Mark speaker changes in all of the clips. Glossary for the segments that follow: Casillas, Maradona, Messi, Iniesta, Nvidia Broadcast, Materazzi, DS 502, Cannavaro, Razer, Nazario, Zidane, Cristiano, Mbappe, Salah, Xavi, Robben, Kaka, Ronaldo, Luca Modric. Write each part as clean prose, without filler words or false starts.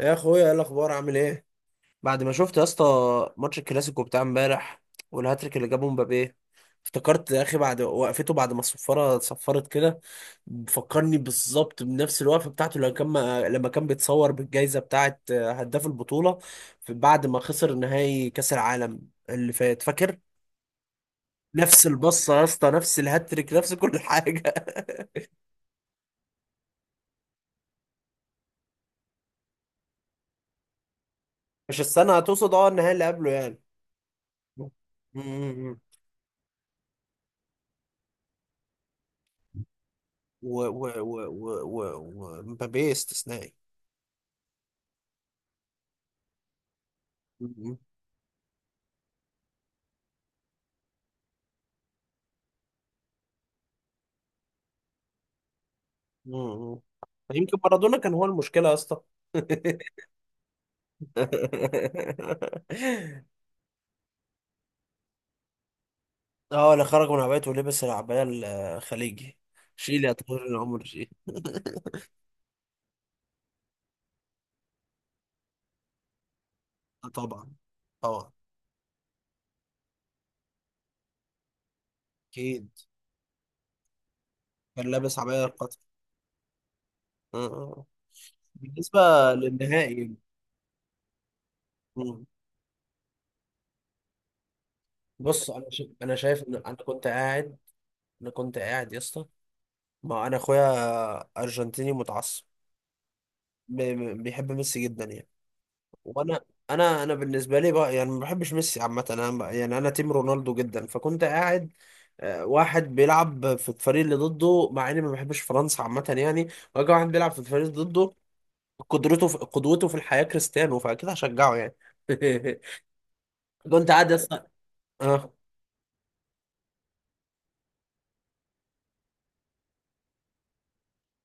Speaker 1: يا اخويا، ايه الاخبار؟ عامل ايه؟ بعد ما شفت يا اسطى ماتش الكلاسيكو بتاع امبارح والهاتريك اللي جابه مبابي، افتكرت يا اخي بعد وقفته بعد ما الصفاره صفرت كده. فكرني بالظبط بنفس الوقفه بتاعته لما كان بيتصور بالجائزه بتاعه هداف البطوله بعد ما خسر نهائي كاس العالم اللي فات، فاكر؟ نفس البصه يا اسطى، نفس الهاتريك، نفس كل حاجه. مش السنه هتقصد، النهائي اللي قبله يعني. و و و و و ومبابي استثنائي. مم. مم. يمكن مارادونا كان هو المشكلة يا اسطى. اه، اللي خرج من عبايته ولبس العباية الخليجي. شيل يا طويل العمر شيل. آه طبعا. طبعا. اكيد. كان لابس عباية القطر. آه، آه. بالنسبة للنهائي. مم. بص، انا شايف ان انا كنت قاعد. انا كنت قاعد يا اسطى، ما انا اخويا ارجنتيني متعصب، بيحب ميسي جدا يعني. وانا، انا انا بالنسبه لي بقى يعني ما بحبش ميسي عامه، يعني انا تيم رونالدو جدا، فكنت قاعد آه، واحد بيلعب في الفريق اللي ضده، مع اني ما بحبش فرنسا عامه يعني. واجي واحد بيلعب في الفريق اللي ضده، قدرته في قدوته في الحياه كريستيانو، فاكيد هشجعه يعني. كنت قاعد اه.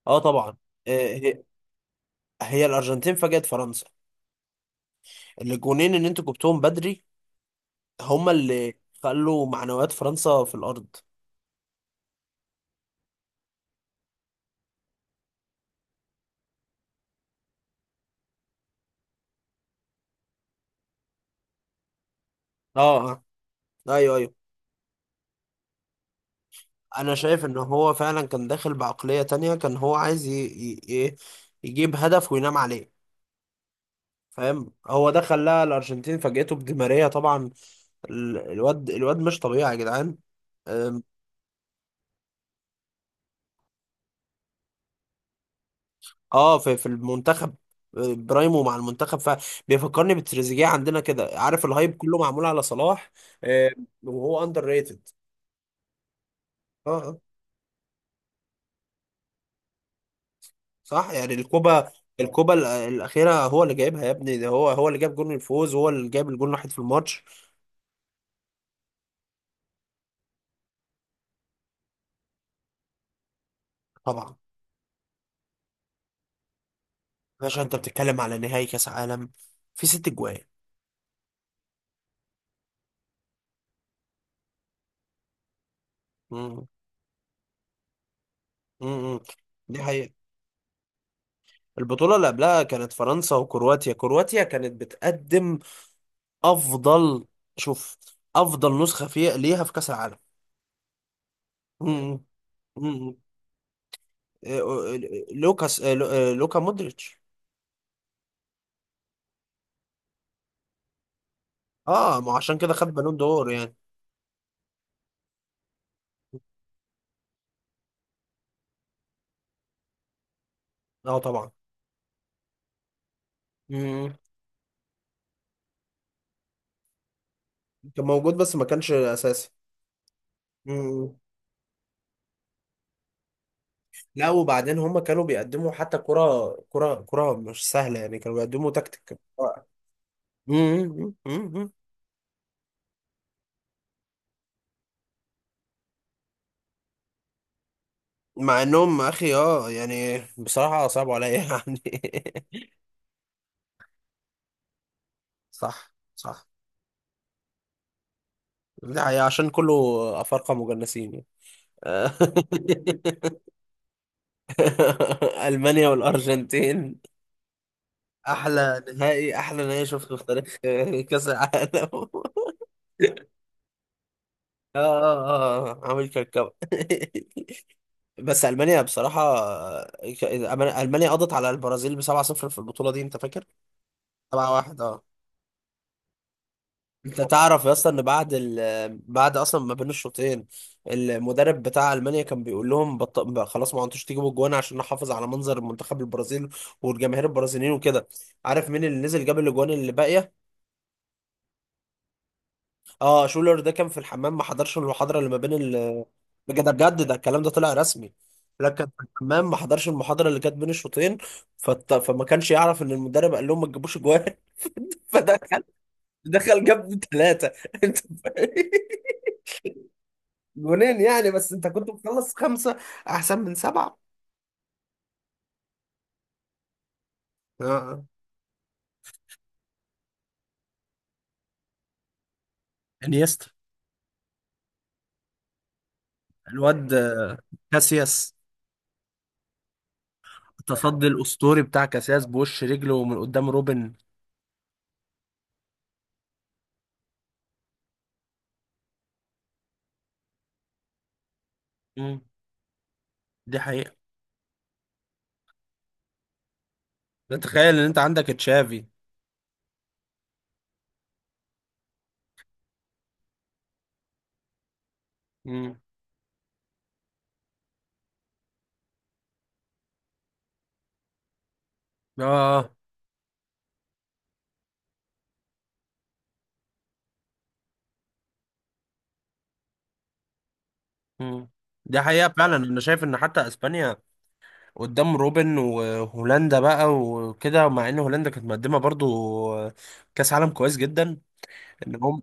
Speaker 1: اه طبعا. آه، هي الارجنتين فاجأت فرنسا. الجونين اللي انتوا جبتوهم بدري، هما اللي خلوا معنويات فرنسا في الارض. اه اه. ايوه ايوه. انا شايف ان هو فعلا كان داخل بعقلية تانية، كان هو عايز ي... ي- يجيب هدف وينام عليه. فاهم؟ هو ده خلاها الارجنتين فاجئته بدي ماريا طبعا. الواد مش طبيعي يا جدعان. أم، اه، في المنتخب. أه، برايمو مع المنتخب، فبيفكرني بتريزيجيه عندنا كده، عارف الهايب كله معمول على صلاح. أه، وهو اندر ريتد. اه آه، صح يعني. الكوبا، الاخيره هو اللي جايبها يا ابني، ده هو اللي جاب جون الفوز، هو اللي جاب الجون الوحيد في الماتش. طبعا. باشا انت بتتكلم على نهائي كاس عالم في 6 اجوان. مم. مم. دي حقيقة. البطولة اللي قبلها كانت فرنسا وكرواتيا. كرواتيا كانت بتقدم افضل. شوف، افضل نسخة فيها ليها في كاس العالم. مم. مم. إيه، إيه، لوكاس إيه، لو- إيه، لوكا مودريتش. اه ما هو عشان كده خد بالون دور يعني. اه طبعا. مم. كان موجود بس ما كانش اساسي. مم. لا وبعدين هم كانوا بيقدموا حتى كرة كرة كرة مش سهلة يعني، كانوا بيقدموا تكتيك. مم، مم، مم. مع انهم اخي اه يعني بصراحة صعبوا عليا يعني. صح صح. ده هي عشان كله افارقة مجنسين يعني. المانيا والارجنتين احلى نهائي، احلى نهائي شفته في تاريخ كاس العالم. اه اه اه عامل كركبة. بس المانيا بصراحه، ك- المانيا قضت على البرازيل ب 7-0 في البطوله دي انت فاكر. 7-1. اه. انت تعرف يا اسطى ان بعد بعد اصلا ما بين الشوطين المدرب بتاع المانيا كان بيقول لهم بقى خلاص ما انتوش تجيبوا الجوان عشان نحافظ على منظر منتخب البرازيل والجماهير البرازيليين وكده. عارف مين اللي نزل جاب الاجوان اللي باقيه؟ اه شولر. ده كان في الحمام، ما حضرش المحاضرة اللي ما بين ال. بجد ده، بجد ده الكلام ده طلع رسمي. لكن في الحمام، ما حضرش المحاضرة اللي كانت بين الشوطين، فما كانش يعرف ان المدرب قال لهم ما تجيبوش جوان. فدخل. دخل جاب ثلاثة. انت فاهم؟ جونين يعني، بس انت كنت مخلص خمسة. احسن من سبعة. اه آه. انيستا. الواد آه، كاسياس. التصدي الاسطوري بتاع كاسياس، بوش رجله من قدام روبن. مم. دي حقيقة. لا تخيل ان انت عندك تشافي. مم. اه. مم. دي حقيقة فعلا. انا شايف ان حتى اسبانيا قدام روبن وهولندا بقى وكده مع ان هولندا كانت مقدمة برضو كاس عالم كويس جدا. ان هم،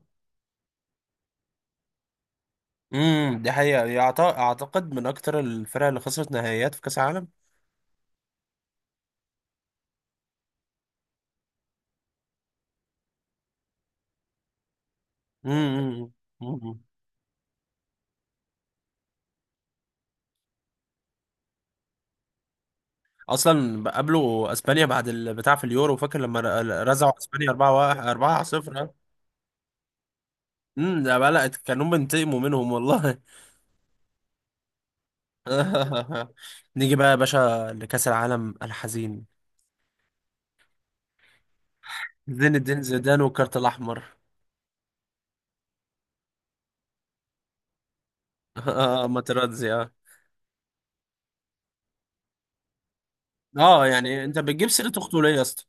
Speaker 1: امم، دي حقيقة يعت-، اعتقد من اكتر الفرق اللي خسرت نهائيات في كاس عالم. امم. امم. اصلا قابلوا اسبانيا بعد البتاع في اليورو، فاكر لما رزعوا اسبانيا 4 1 4 0. امم، ده بلقت كانوا بينتقموا منهم والله. نيجي بقى يا باشا لكأس العالم الحزين. زين الدين زيدان والكارت الاحمر. اه ماتراتزي اه. اه يعني انت بتجيب سيره اخته ليه يا اسطى؟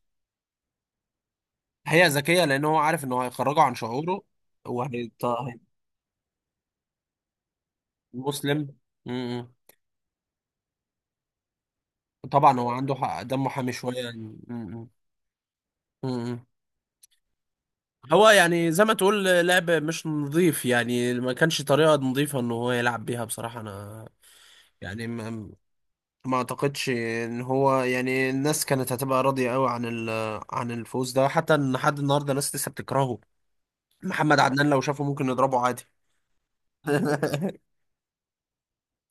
Speaker 1: هي ذكيه لان هو عارف انه هيخرجه عن شعوره. وهي مسلم، م- م. طبعا هو عنده حق، دمه حامي شويه يعني، م- م. م- م. هو يعني زي ما تقول لعب مش نظيف يعني، ما كانش طريقه نظيفه ان هو يلعب بيها بصراحه. انا يعني ما اعتقدش ان هو يعني الناس كانت هتبقى راضيه قوي عن عن الفوز ده، حتى ان لحد النهارده ناس لسه بتكرهه. محمد عدنان لو شافه ممكن نضربه عادي.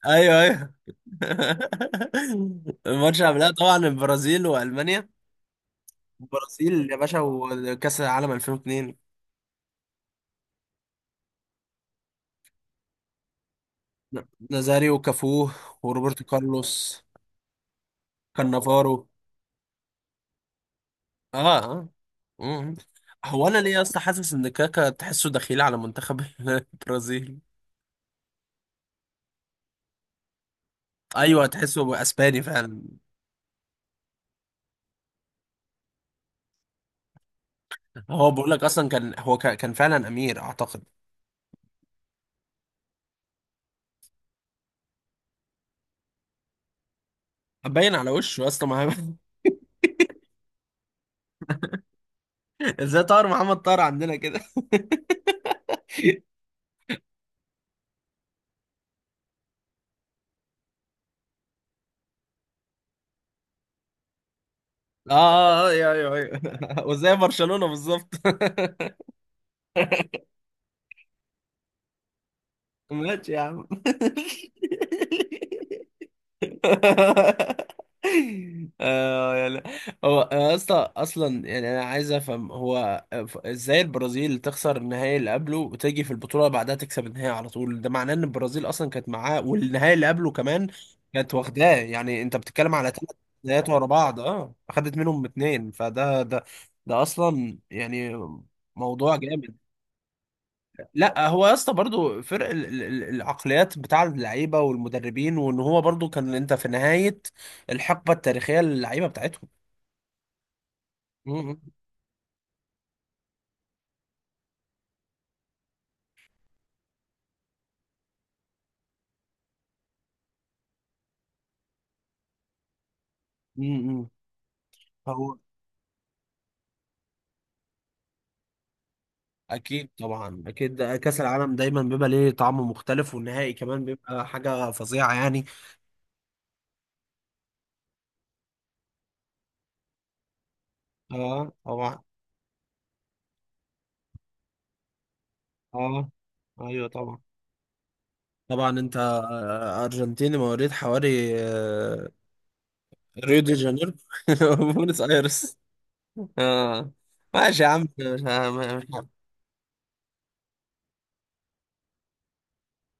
Speaker 1: ايوه ايوه. الماتش قبلها طبعا البرازيل والمانيا. البرازيل يا باشا وكأس العالم 2002. نازاريو وكافو وروبرتو كارلوس. كانافارو. اه اه. مم. هو انا ليه اصلا حاسس ان كاكا تحسه دخيل على منتخب البرازيل؟ ايوه، تحسه هو اسباني فعلا. هو بقول لك اصلا كان هو كان فعلا امير اعتقد. باين على وشه اصلا ازاي طار محمد طار عندنا. اه آه، آه، ايوه ايوه ايوه. وزي برشلونة بالظبط. ماشي يا عم. اه يلا. هو أنا يا اسطى اصلا يعني انا عايز افهم، هو ازاي البرازيل تخسر النهائي اللي قبله وتيجي في البطوله بعدها تكسب النهائي على طول؟ ده معناه ان البرازيل اصلا كانت معاه والنهائي اللي قبله كمان كانت واخداه يعني. انت بتتكلم على 3 نهائيات ورا بعض، اه اخدت منهم اتنين فده ده، ده اصلا يعني موضوع جامد. لا هو يا اسطى برضه فرق العقليات بتاع اللعيبه والمدربين، وان هو برضه كان انت في نهايه الحقبه التاريخيه للعيبه بتاعتهم. امم. امم. هو اكيد طبعا، اكيد ده كاس العالم دايما بيبقى ليه طعم مختلف، والنهائي كمان بيبقى حاجه فظيعه يعني. اه طبعا. اه ايوه طبعا. طبعا انت ارجنتيني مواليد حواري ريو دي جانيرو. بونس ايرس. اه. ماشي يا عم. مش،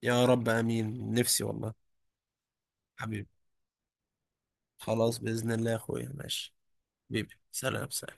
Speaker 1: يا رب امين، نفسي والله. حبيبي، خلاص باذن الله يا اخويا، ماشي. حبيبي، سلام سلام.